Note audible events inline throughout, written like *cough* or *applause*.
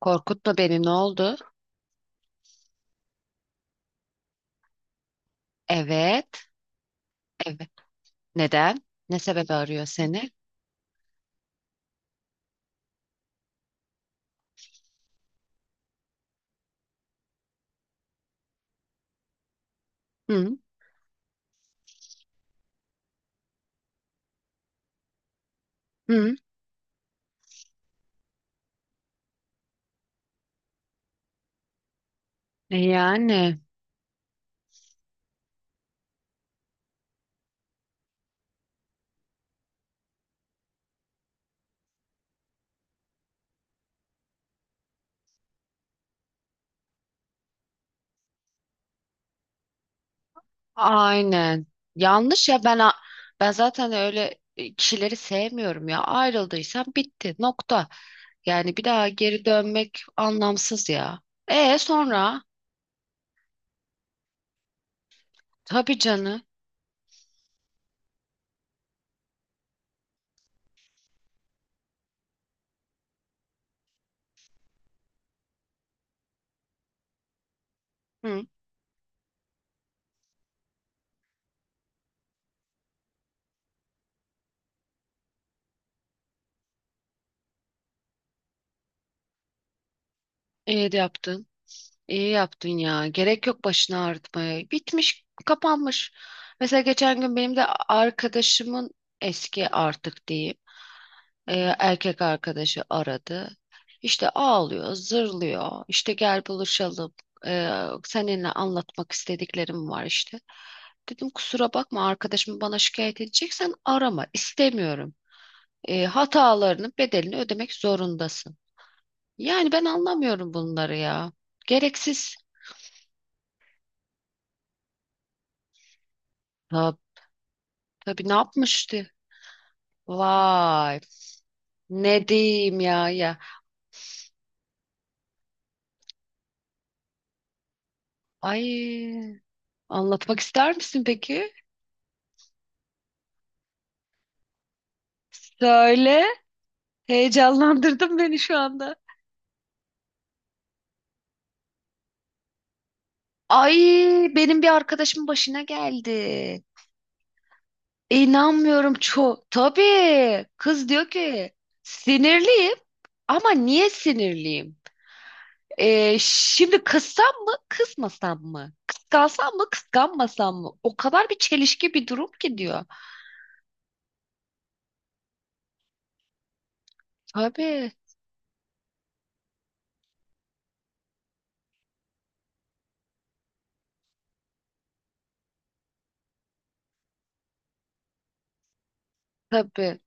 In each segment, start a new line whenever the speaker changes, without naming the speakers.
Korkutma beni, ne oldu? Evet. Evet. Neden? Ne sebebi arıyor seni? Hı hı. E, yani aynen. Yanlış ya, ben zaten öyle kişileri sevmiyorum ya. Ayrıldıysan bitti. Nokta. Yani bir daha geri dönmek anlamsız ya. Sonra tabii canı. Hı. İyi de yaptın. İyi yaptın ya. Gerek yok başını ağrıtmaya. Bitmiş, kapanmış. Mesela geçen gün benim de arkadaşımın eski artık diyeyim e, erkek arkadaşı aradı. İşte ağlıyor, zırlıyor. İşte gel buluşalım. E, Seninle anlatmak istediklerim var işte. Dedim kusura bakma arkadaşım, bana şikayet edeceksen arama, istemiyorum. Hatalarının bedelini ödemek zorundasın. Yani ben anlamıyorum bunları ya. Gereksiz. Tabii, ne yapmıştı? Vay. Ne diyeyim ya, ya. Ay, anlatmak ister misin peki? Söyle. Heyecanlandırdın beni şu anda. Ay, benim bir arkadaşımın başına geldi. İnanmıyorum çok. Tabii. Kız diyor ki sinirliyim, ama niye sinirliyim? Şimdi kızsam mı kızmasam mı? Kıskansam mı kıskanmasam mı? O kadar bir çelişki, bir durum ki diyor. Tabii. Tabii.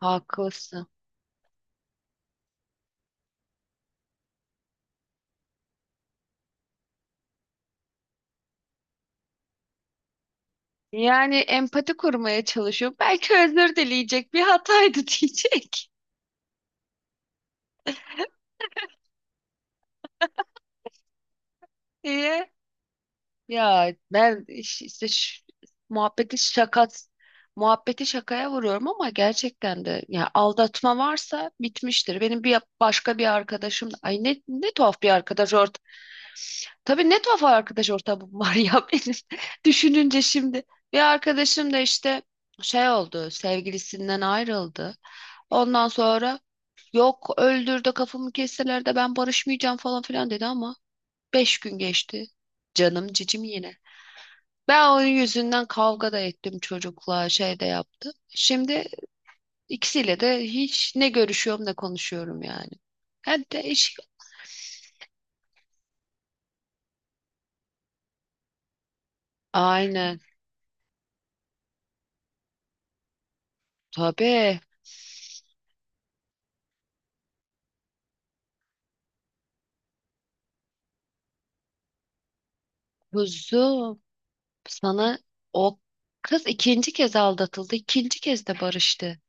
Haklısın. Yani empati kurmaya çalışıyor. Belki özür dileyecek, bir hataydı *laughs* diyecek diye. Ya ben iş- işte ş- muhabbeti şakaya vuruyorum, ama gerçekten de ya aldatma varsa bitmiştir. Benim bir başka bir arkadaşım, ay, ne tuhaf bir arkadaş ort. Tabii, ne tuhaf arkadaş ortamım var ya *laughs* benim. Düşününce şimdi bir arkadaşım da işte şey oldu, sevgilisinden ayrıldı. Ondan sonra yok, öldürdü, kafamı kesseler de ben barışmayacağım falan filan dedi, ama 5 gün geçti. Canım cicim yine. Ben onun yüzünden kavga da ettim çocukla, şey de yaptım. Şimdi ikisiyle de hiç ne görüşüyorum ne konuşuyorum yani. Hem de iş... Aynen, tabii, kuzum, sana o kız ikinci kez aldatıldı, ikinci kez de barıştı.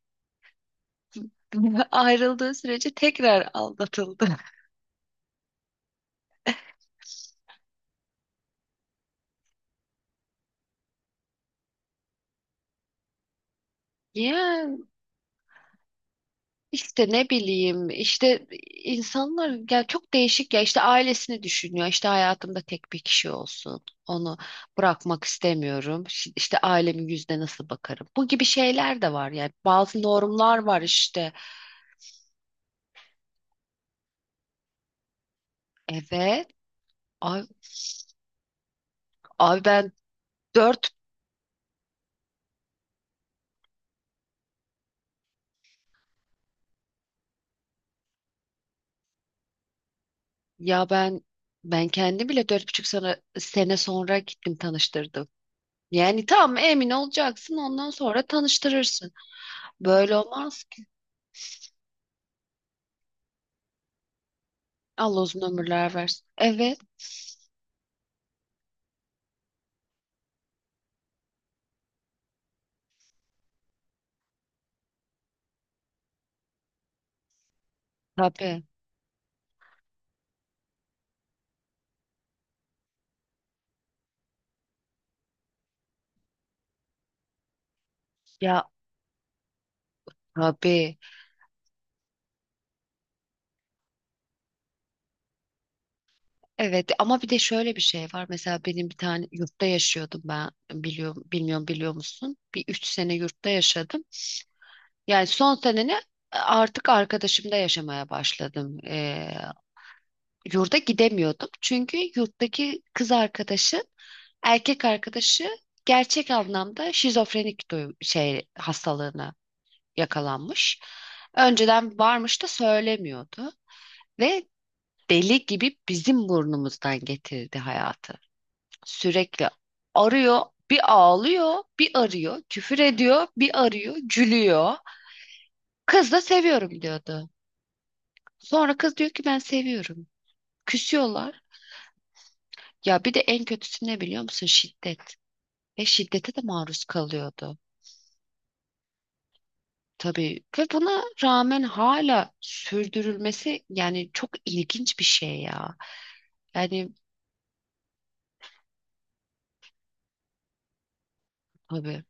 *laughs* Ayrıldığı sürece tekrar aldatıldı. *laughs* Ya, İşte ne bileyim, işte insanlar ya çok değişik ya, işte ailesini düşünüyor, işte hayatımda tek bir kişi olsun, onu bırakmak istemiyorum, işte ailemin yüzüne nasıl bakarım, bu gibi şeyler de var yani, bazı normlar var işte. Evet. Abi, abi ben dört ya ben ben kendim bile dört buçuk sene, sene sonra gittim tanıştırdım, yani tam emin olacaksın ondan sonra tanıştırırsın. Böyle olmaz ki. Allah uzun ömürler versin. Evet, tabii. Ya, tabii. Evet, ama bir de şöyle bir şey var. Mesela benim bir tane yurtta yaşıyordum ben. Biliyor, bilmiyorum, biliyor musun? Bir 3 sene yurtta yaşadım. Yani son seneni artık arkadaşımda yaşamaya başladım. Yurda gidemiyordum. Çünkü yurttaki kız arkadaşı, erkek arkadaşı gerçek anlamda şizofrenik şey hastalığına yakalanmış. Önceden varmış da söylemiyordu. Ve deli gibi bizim burnumuzdan getirdi hayatı. Sürekli arıyor, bir ağlıyor, bir arıyor, küfür ediyor, bir arıyor, gülüyor. Kız da seviyorum diyordu. Sonra kız diyor ki ben seviyorum. Küsüyorlar. Ya bir de en kötüsü ne biliyor musun? Şiddet. Ve şiddete de maruz kalıyordu. Tabii, ve buna rağmen hala sürdürülmesi yani çok ilginç bir şey ya. Yani, tabii.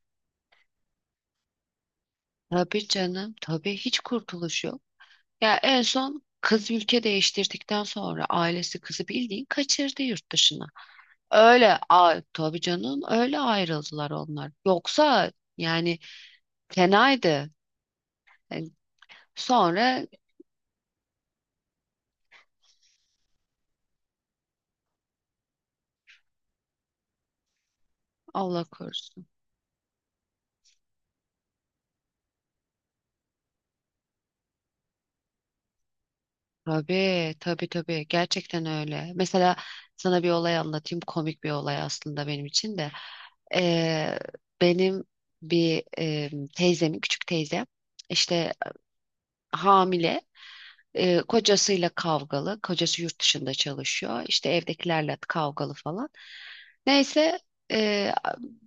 Tabii canım. Tabii, hiç kurtuluş yok. Ya en son kız ülke değiştirdikten sonra ailesi kızı bildiğin kaçırdı yurt dışına. Öyle, a, tabii canım, öyle ayrıldılar onlar. Yoksa yani fenaydı. Yani sonra. Allah korusun. Tabii, tabii, tabii, gerçekten öyle. Mesela sana bir olay anlatayım, komik bir olay aslında benim için de. Ee, Benim bir teyzemin, küçük teyzem işte hamile. E, kocasıyla kavgalı. Kocası yurt dışında çalışıyor. İşte evdekilerle kavgalı falan. Neyse, e,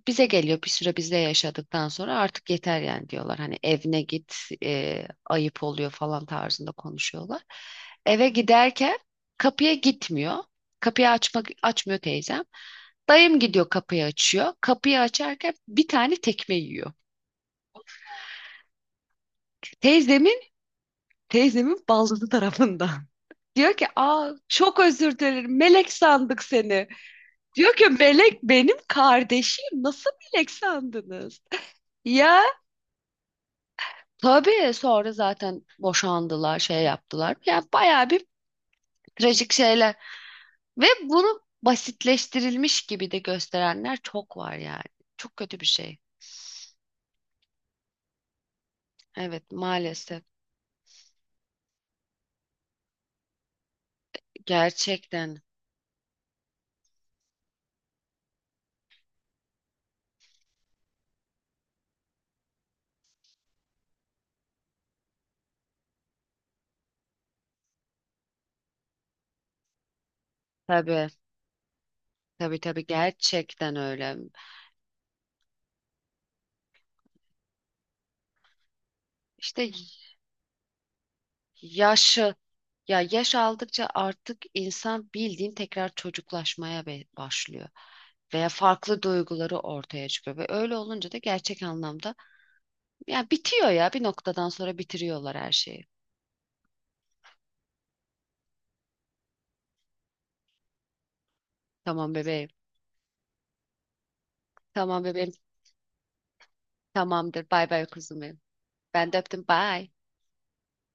bize geliyor, bir süre bizde yaşadıktan sonra artık yeter yani diyorlar. Hani evine git, ayıp oluyor falan tarzında konuşuyorlar. Eve giderken kapıya gitmiyor. Kapıyı açmıyor teyzem. Dayım gidiyor kapıyı açıyor. Kapıyı açarken bir tane tekme yiyor. Teyzemin, teyzemin baldızı tarafından. Diyor ki, aa, çok özür dilerim, melek sandık seni. Diyor ki, melek benim kardeşim, nasıl melek sandınız? Ya tabii, sonra zaten boşandılar, şey yaptılar. Yani bayağı bir trajik şeyler, ve bunu basitleştirilmiş gibi de gösterenler çok var yani. Çok kötü bir şey. Evet, maalesef. Gerçekten. Tabii, tabii, tabii, gerçekten öyle. İşte. Yaşı yaş aldıkça artık insan bildiğin tekrar çocuklaşmaya başlıyor, veya farklı duyguları ortaya çıkıyor, ve öyle olunca da gerçek anlamda ya bitiyor ya bir noktadan sonra bitiriyorlar her şeyi. Tamam bebeğim. Tamam bebeğim. Tamamdır. Bay bay kuzum benim. Ben de öptüm. Bye.